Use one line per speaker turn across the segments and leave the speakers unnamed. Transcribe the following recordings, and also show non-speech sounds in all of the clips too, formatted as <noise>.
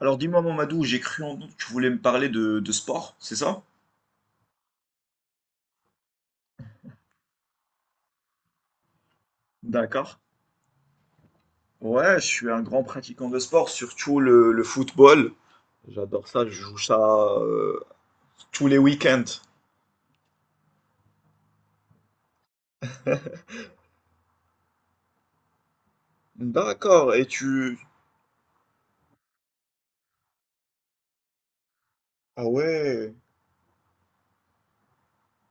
Alors dis-moi, Mamadou, j'ai cru en doute que tu voulais me parler de sport, c'est ça? D'accord. Ouais, je suis un grand pratiquant de sport, surtout le football. J'adore ça, je joue ça tous les week-ends. D'accord, et tu... Ah ouais,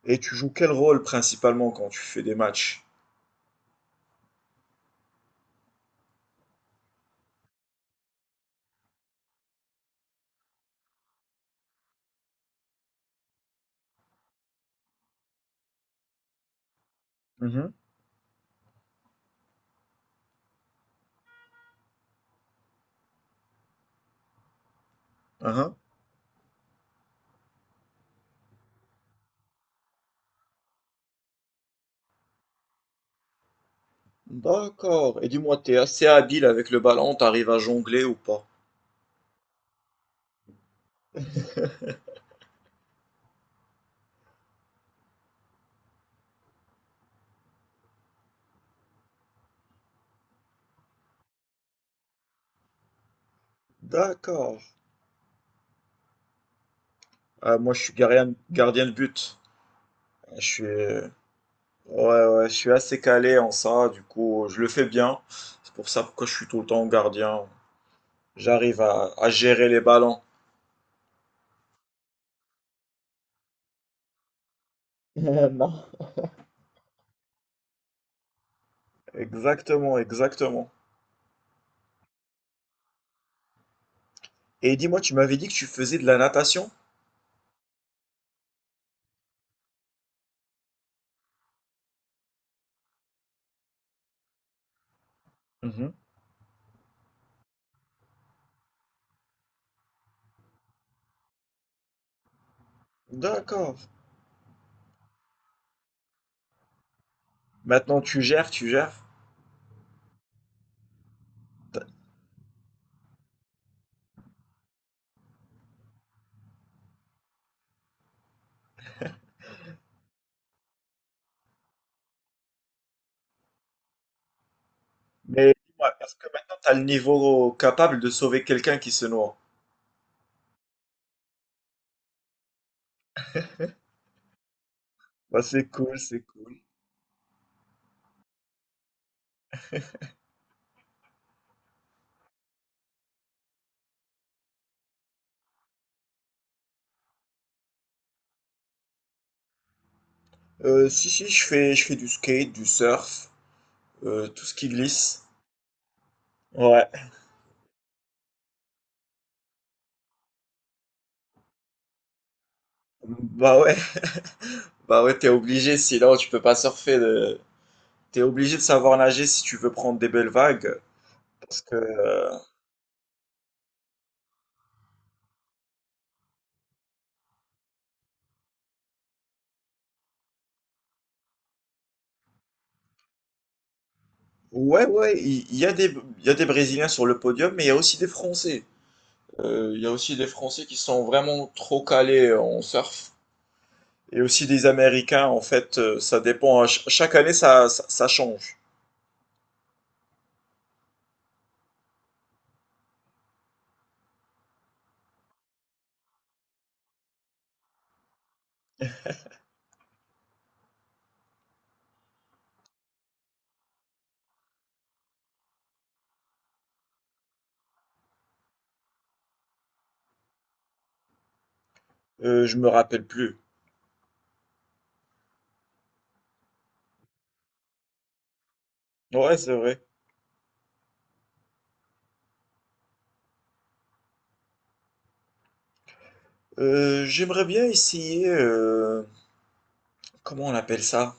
et tu joues quel rôle principalement quand tu fais des matchs? Mhm. Uhum. D'accord, et dis-moi, t'es assez habile avec le ballon, t'arrives à jongler ou pas? D'accord. Ah, moi, je suis gardien, gardien de but. Je suis, ouais, ouais, je suis assez calé en ça, du coup, je le fais bien. C'est pour ça que je suis tout le temps gardien. J'arrive à gérer les ballons. <laughs> Non. Exactement, exactement. Et dis-moi, tu m'avais dit que tu faisais de la natation? Mhm. D'accord. Maintenant, tu gères, tu gères. T'as- Mais dis-moi, est-ce que maintenant, tu as le niveau capable de sauver quelqu'un qui se noie? Bah, c'est cool, c'est cool. Si, si, je fais du skate, du surf, tout ce qui glisse. Ouais. Bah ouais. Bah ouais, t'es obligé, sinon tu peux pas surfer. Le... T'es obligé de savoir nager si tu veux prendre des belles vagues. Parce que, ouais, ouais, il y a il y a des Brésiliens sur le podium, mais il y a aussi des Français. Il y a aussi des Français qui sont vraiment trop calés en surf. Et aussi des Américains, en fait, ça dépend, hein. Chaque année, ça change. Je me rappelle plus. Ouais, c'est vrai. J'aimerais bien essayer, comment on appelle ça?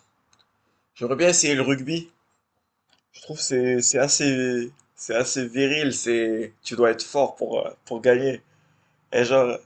J'aimerais bien essayer le rugby. Je trouve que c'est assez, c'est assez viril, c'est tu dois être fort pour gagner. Et genre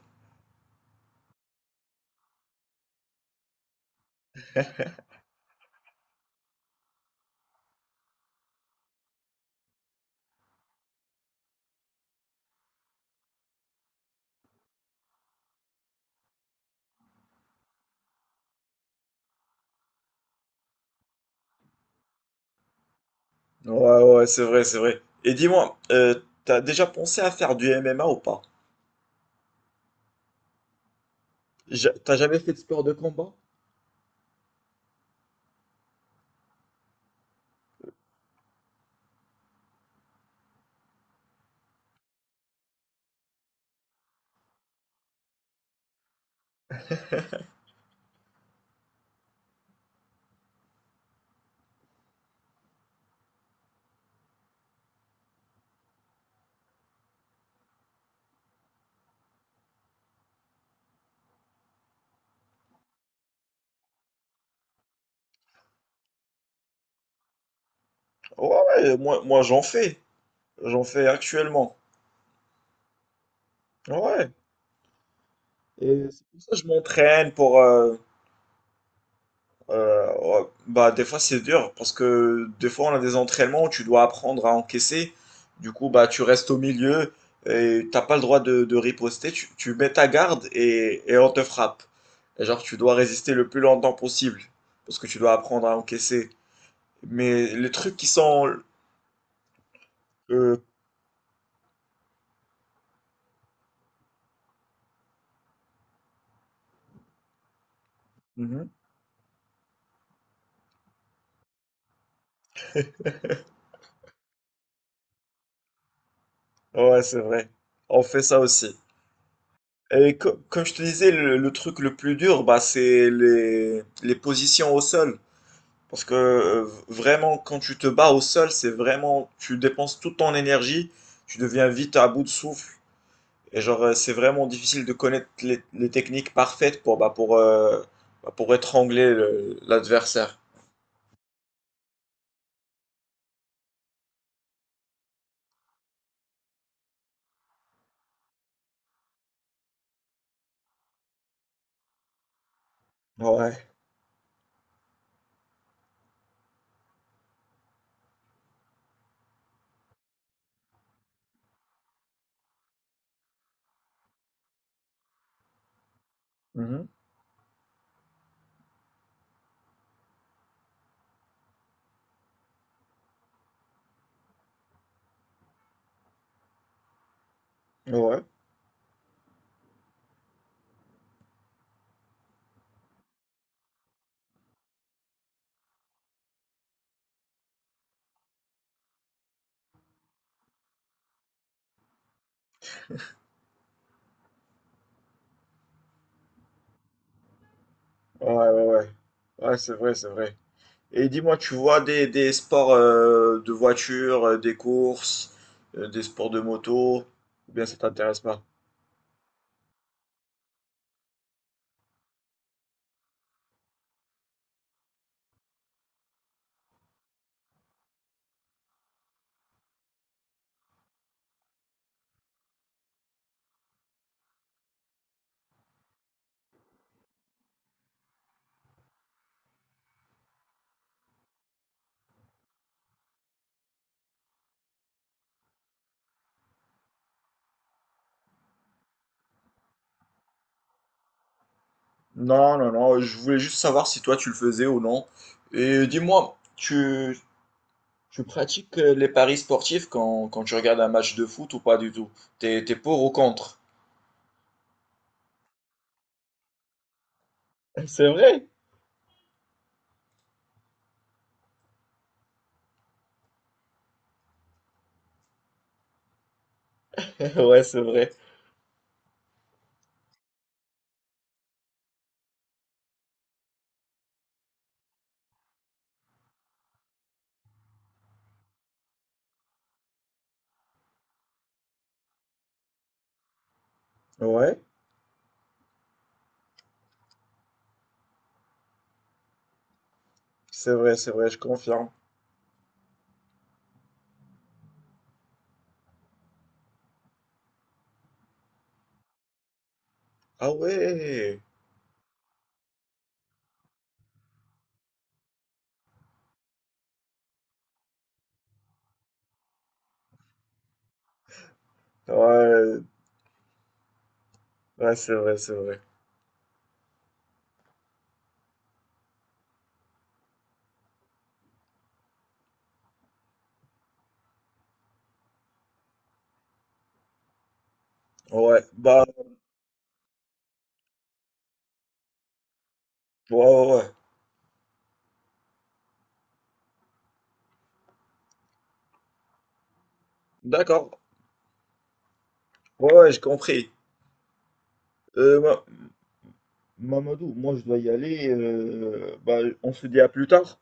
ouais, ouais, c'est vrai, c'est vrai. Et dis-moi, t'as déjà pensé à faire du MMA ou pas? T'as jamais fait de sport de combat? Ouais, ouais, moi j'en fais. J'en fais actuellement. Ouais. Et c'est pour ça que je m'entraîne pour euh, ouais, bah, des fois, c'est dur parce que des fois, on a des entraînements où tu dois apprendre à encaisser. Du coup, bah, tu restes au milieu et t'as pas le droit de riposter. Tu mets ta garde et on te frappe. Et genre, tu dois résister le plus longtemps possible parce que tu dois apprendre à encaisser. Mais les trucs qui sont. Euh, mhm. <laughs> Ouais, c'est vrai. On fait ça aussi. Et comme je te disais, le truc le plus dur, bah, c'est les positions au sol. Parce que vraiment, quand tu te bats au sol, c'est vraiment, tu dépenses toute ton énergie, tu deviens vite à bout de souffle. Et genre, c'est vraiment difficile de connaître les techniques parfaites pour, bah, pour, bah, pour étrangler l'adversaire. Ouais. Mhm. Ouais. Ouais, ouais, ouais. Ouais, c'est vrai, c'est vrai. Et dis-moi, tu vois des sports de voiture, des courses, des sports de moto, ou bien ça t'intéresse pas? Non, non, non, je voulais juste savoir si toi tu le faisais ou non. Et dis-moi, tu pratiques les paris sportifs quand, quand tu regardes un match de foot ou pas du tout? T'es, t'es pour ou contre? C'est vrai? <laughs> Ouais, c'est vrai. Ouais, c'est vrai, je confirme. Ah ouais, ouais, ouais, c'est vrai, c'est vrai. Ouais, bah, ouais, ouais, ouais. D'accord, ouais, ouais, j'ai compris. Euh, Ma- Mamadou, moi je dois y aller. Euh, bah, on se dit à plus tard.